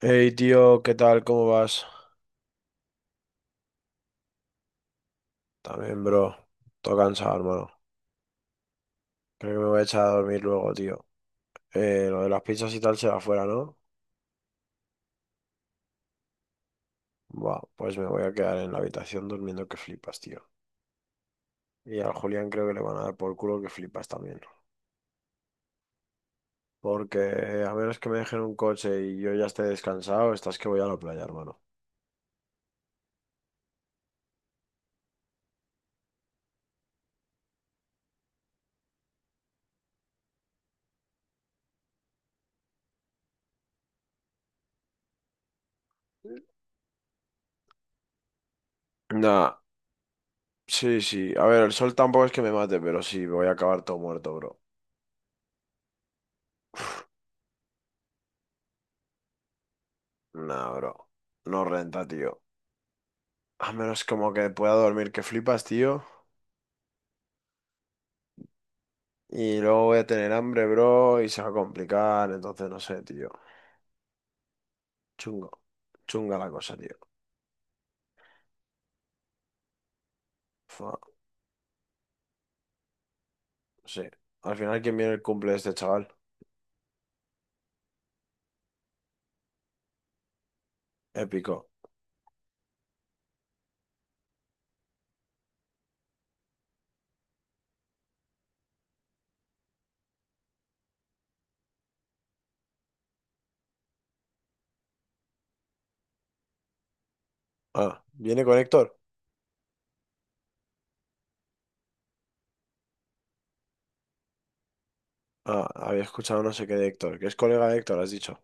Hey, tío, ¿qué tal? ¿Cómo vas? También, bro. Todo cansado, hermano. Creo que me voy a echar a dormir luego, tío. Lo de las pizzas y tal será afuera, ¿no? Buah, pues me voy a quedar en la habitación durmiendo que flipas, tío. Y al Julián creo que le van a dar por culo que flipas también. Porque a menos que me dejen un coche y yo ya esté descansado, estás que voy a la playa, hermano. Nah, sí, sí. A ver, el sol tampoco es que me mate, pero sí, voy a acabar todo muerto, bro. Nah, bro. No renta, tío. A menos como que pueda dormir que flipas, tío. Y luego voy a tener hambre, bro, y se va a complicar. Entonces, no sé, tío. Chungo. Chunga la cosa, tío. Fua, sí. Al final, ¿quién viene el cumple de este chaval? Épico. Ah, ¿viene con Héctor? Ah, había escuchado no sé qué de Héctor. ¿Que es colega de Héctor, has dicho?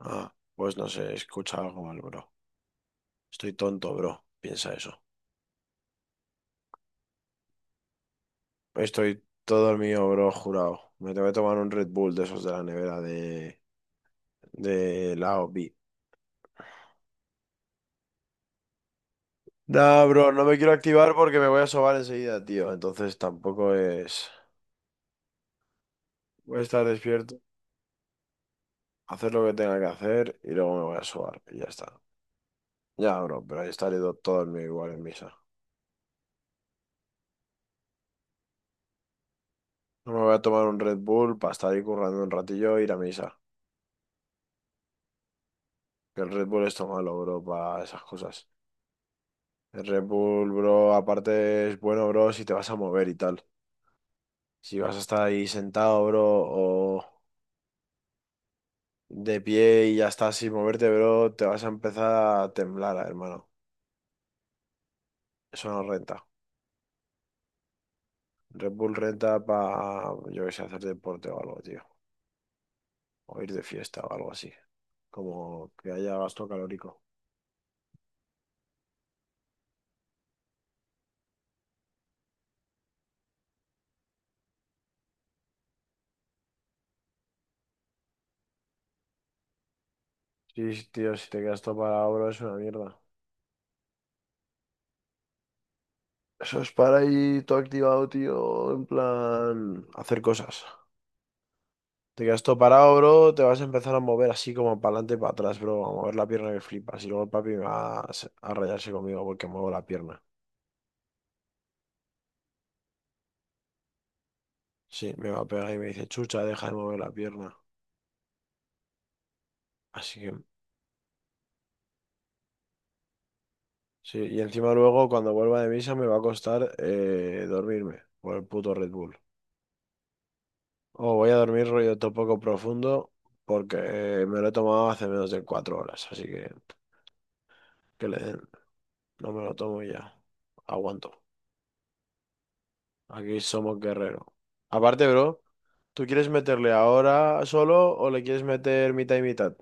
Ah, pues no sé, escucha algo mal, bro. Estoy tonto, bro. Piensa eso. Estoy todo mío, bro, jurado. Me tengo que tomar un Red Bull de esos de la nevera de la OB. Nah, bro, no me quiero activar porque me voy a sobar enseguida, tío. Entonces tampoco es... Voy a estar despierto, hacer lo que tenga que hacer y luego me voy a sobar y ya está. Ya, bro, pero ahí estaré todo el día igual en misa. No me voy a tomar un Red Bull para estar ahí currando un ratillo e ir a misa. Que el Red Bull es todo malo, bro, para esas cosas. El Red Bull, bro, aparte es bueno, bro, si te vas a mover y tal. Si vas a estar ahí sentado, bro, o de pie y ya está sin moverte, bro, te vas a empezar a temblar, hermano. Eso no renta. Red Bull renta para, yo qué sé, hacer deporte o algo, tío. O ir de fiesta o algo así. Como que haya gasto calórico. Sí, sí, tío, si te quedas todo para oro es una mierda. Eso es para ir todo activado, tío, en plan hacer cosas. Te quedas todo parado, bro, te vas a empezar a mover así como para adelante y para atrás, bro, a mover la pierna que flipas. Y luego el papi me va a, a rayarse conmigo porque muevo la pierna. Sí, me va a pegar y me dice, chucha, deja de mover la pierna. Así que sí, y encima luego cuando vuelva de misa me va a costar dormirme por el puto Red Bull. O voy a dormir rollo poco profundo porque me lo he tomado hace menos de 4 horas, así que le den, no me lo tomo y ya. Aguanto. Aquí somos guerreros. Aparte, bro, ¿tú quieres meterle ahora solo o le quieres meter mitad y mitad?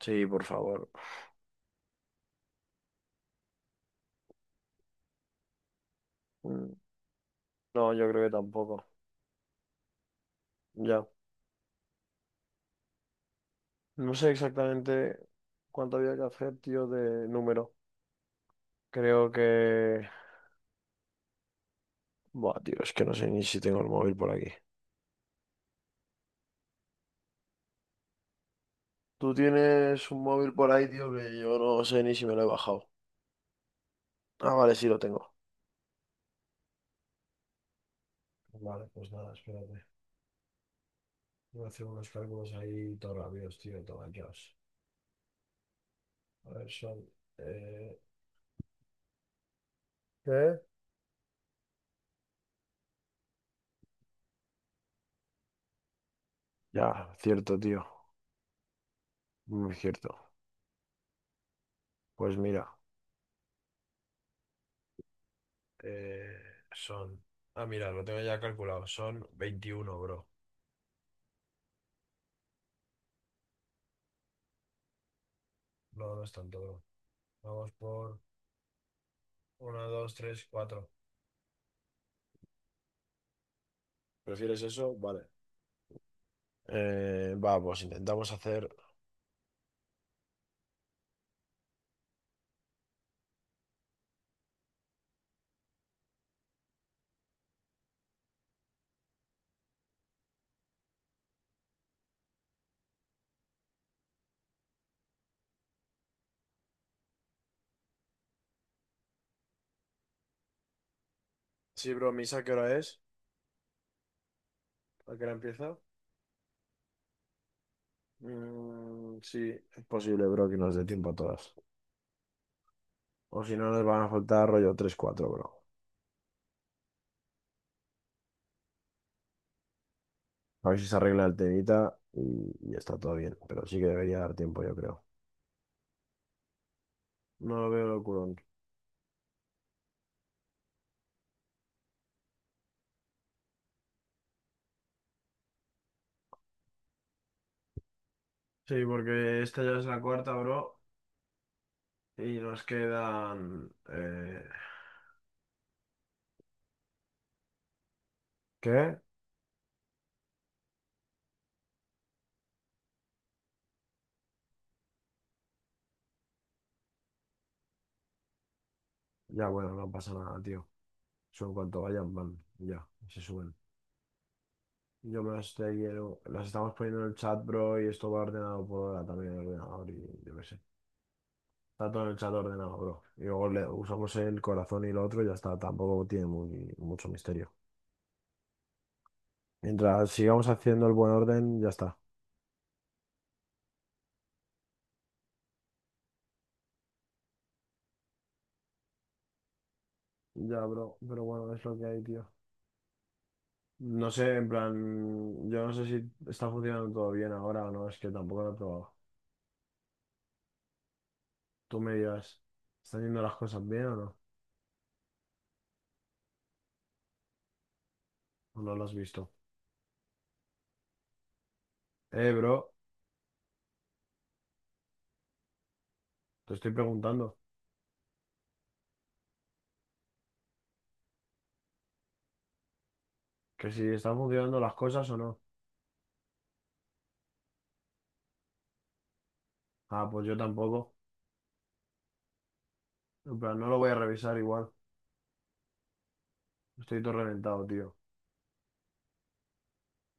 Sí, por favor. Mm, no, yo creo que tampoco. Ya. No sé exactamente cuánto había que hacer, tío, de número. Creo que... Buah, tío, es que no sé ni si tengo el móvil por aquí. Tú tienes un móvil por ahí, tío, que yo no sé ni si me lo he bajado. Ah, vale, sí lo tengo. Vale, pues nada, espérate. Voy a hacer unos cálculos ahí todo rápidos, tío, tomateos. A ver, son... eh, ¿Qué? Ya, cierto, tío. Muy cierto. Pues mira, Eh, son... Ah, mira, lo tengo ya calculado. Son veintiuno, bro. No, no es tanto, bro. Vamos por uno, dos, tres, cuatro. ¿Prefieres eso? Vale. Va, pues intentamos hacer... Sí, bro, ¿misa qué hora es? ¿A qué hora empieza? Mm, sí, es posible, bro, que nos dé tiempo a todas. O si no, nos van a faltar rollo tres, cuatro, bro. A ver si se arregla el temita y está todo bien. Pero sí que debería dar tiempo, yo creo. No lo veo locurón. Sí, porque esta ya es la cuarta, bro. Y nos quedan... ¿qué? Ya, bueno, no pasa nada, tío. Son cuanto vayan, van. Ya, se suben. Yo me las quiero. Las estamos poniendo en el chat, bro, y esto va ordenado por hora también en el ordenador y yo qué sé. Está todo en el chat ordenado, bro. Y luego le usamos el corazón y lo otro y ya está. Tampoco tiene mucho misterio. Mientras sigamos haciendo el buen orden, ya está. Ya, bro, pero bueno, es lo que hay, tío. No sé, en plan, yo no sé si está funcionando todo bien ahora o no, es que tampoco lo he probado. Tú me dirás, ¿están yendo las cosas bien o no? ¿O no lo has visto? Bro, te estoy preguntando que si están funcionando las cosas o no. Ah, pues yo tampoco. En plan, no lo voy a revisar igual. Estoy todo reventado, tío.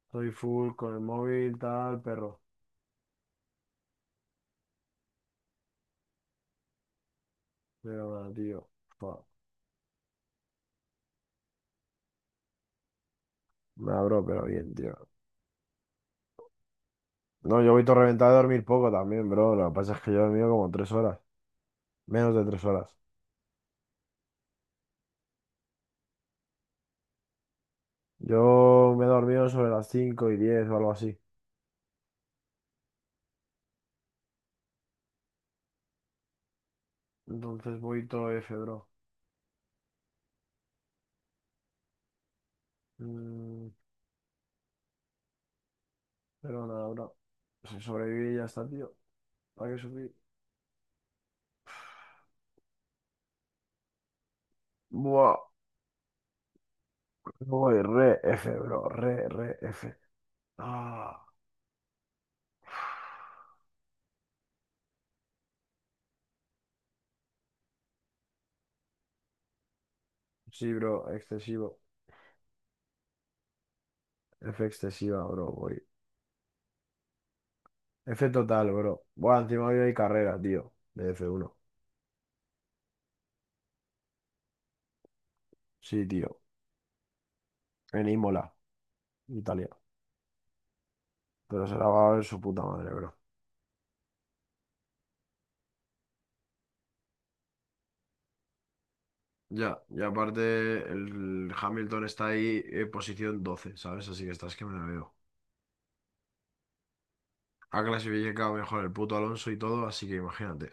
Estoy full con el móvil, tal, perro. Pero nada, tío. Fua. Nah, bro, pero bien, tío. No, yo voy todo reventado a dormir poco también, bro. Lo que pasa es que yo he dormido como 3 horas. Menos de 3 horas. Yo me he dormido sobre las 5:10 o algo así. Entonces voy todo F, bro. Mm, pero nada, bro. Si sobreviví y ya está, tío. ¿Para qué sufrir? Buah, voy re F, bro. Re, re F. Ah. Sí, bro, excesivo. F excesiva, bro, voy. F total, bro. Bueno, encima hoy hay carrera, tío, de F1. Sí, tío, en Imola, Italia. Pero se la va a ver su puta madre, bro. Ya, y aparte el Hamilton está ahí en posición 12, ¿sabes? Así que estás que me la veo. Ha clasificado mejor el puto Alonso y todo, así que imagínate.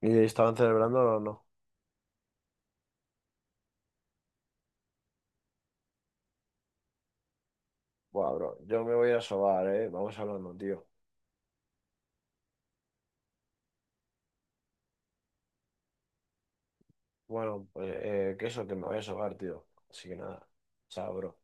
¿Y estaban celebrando o no? Buah, bro, yo me voy a sobar, eh. Vamos hablando, tío. Bueno, pues que eso, que me voy a sobar, tío. Así que nada. Chao, bro.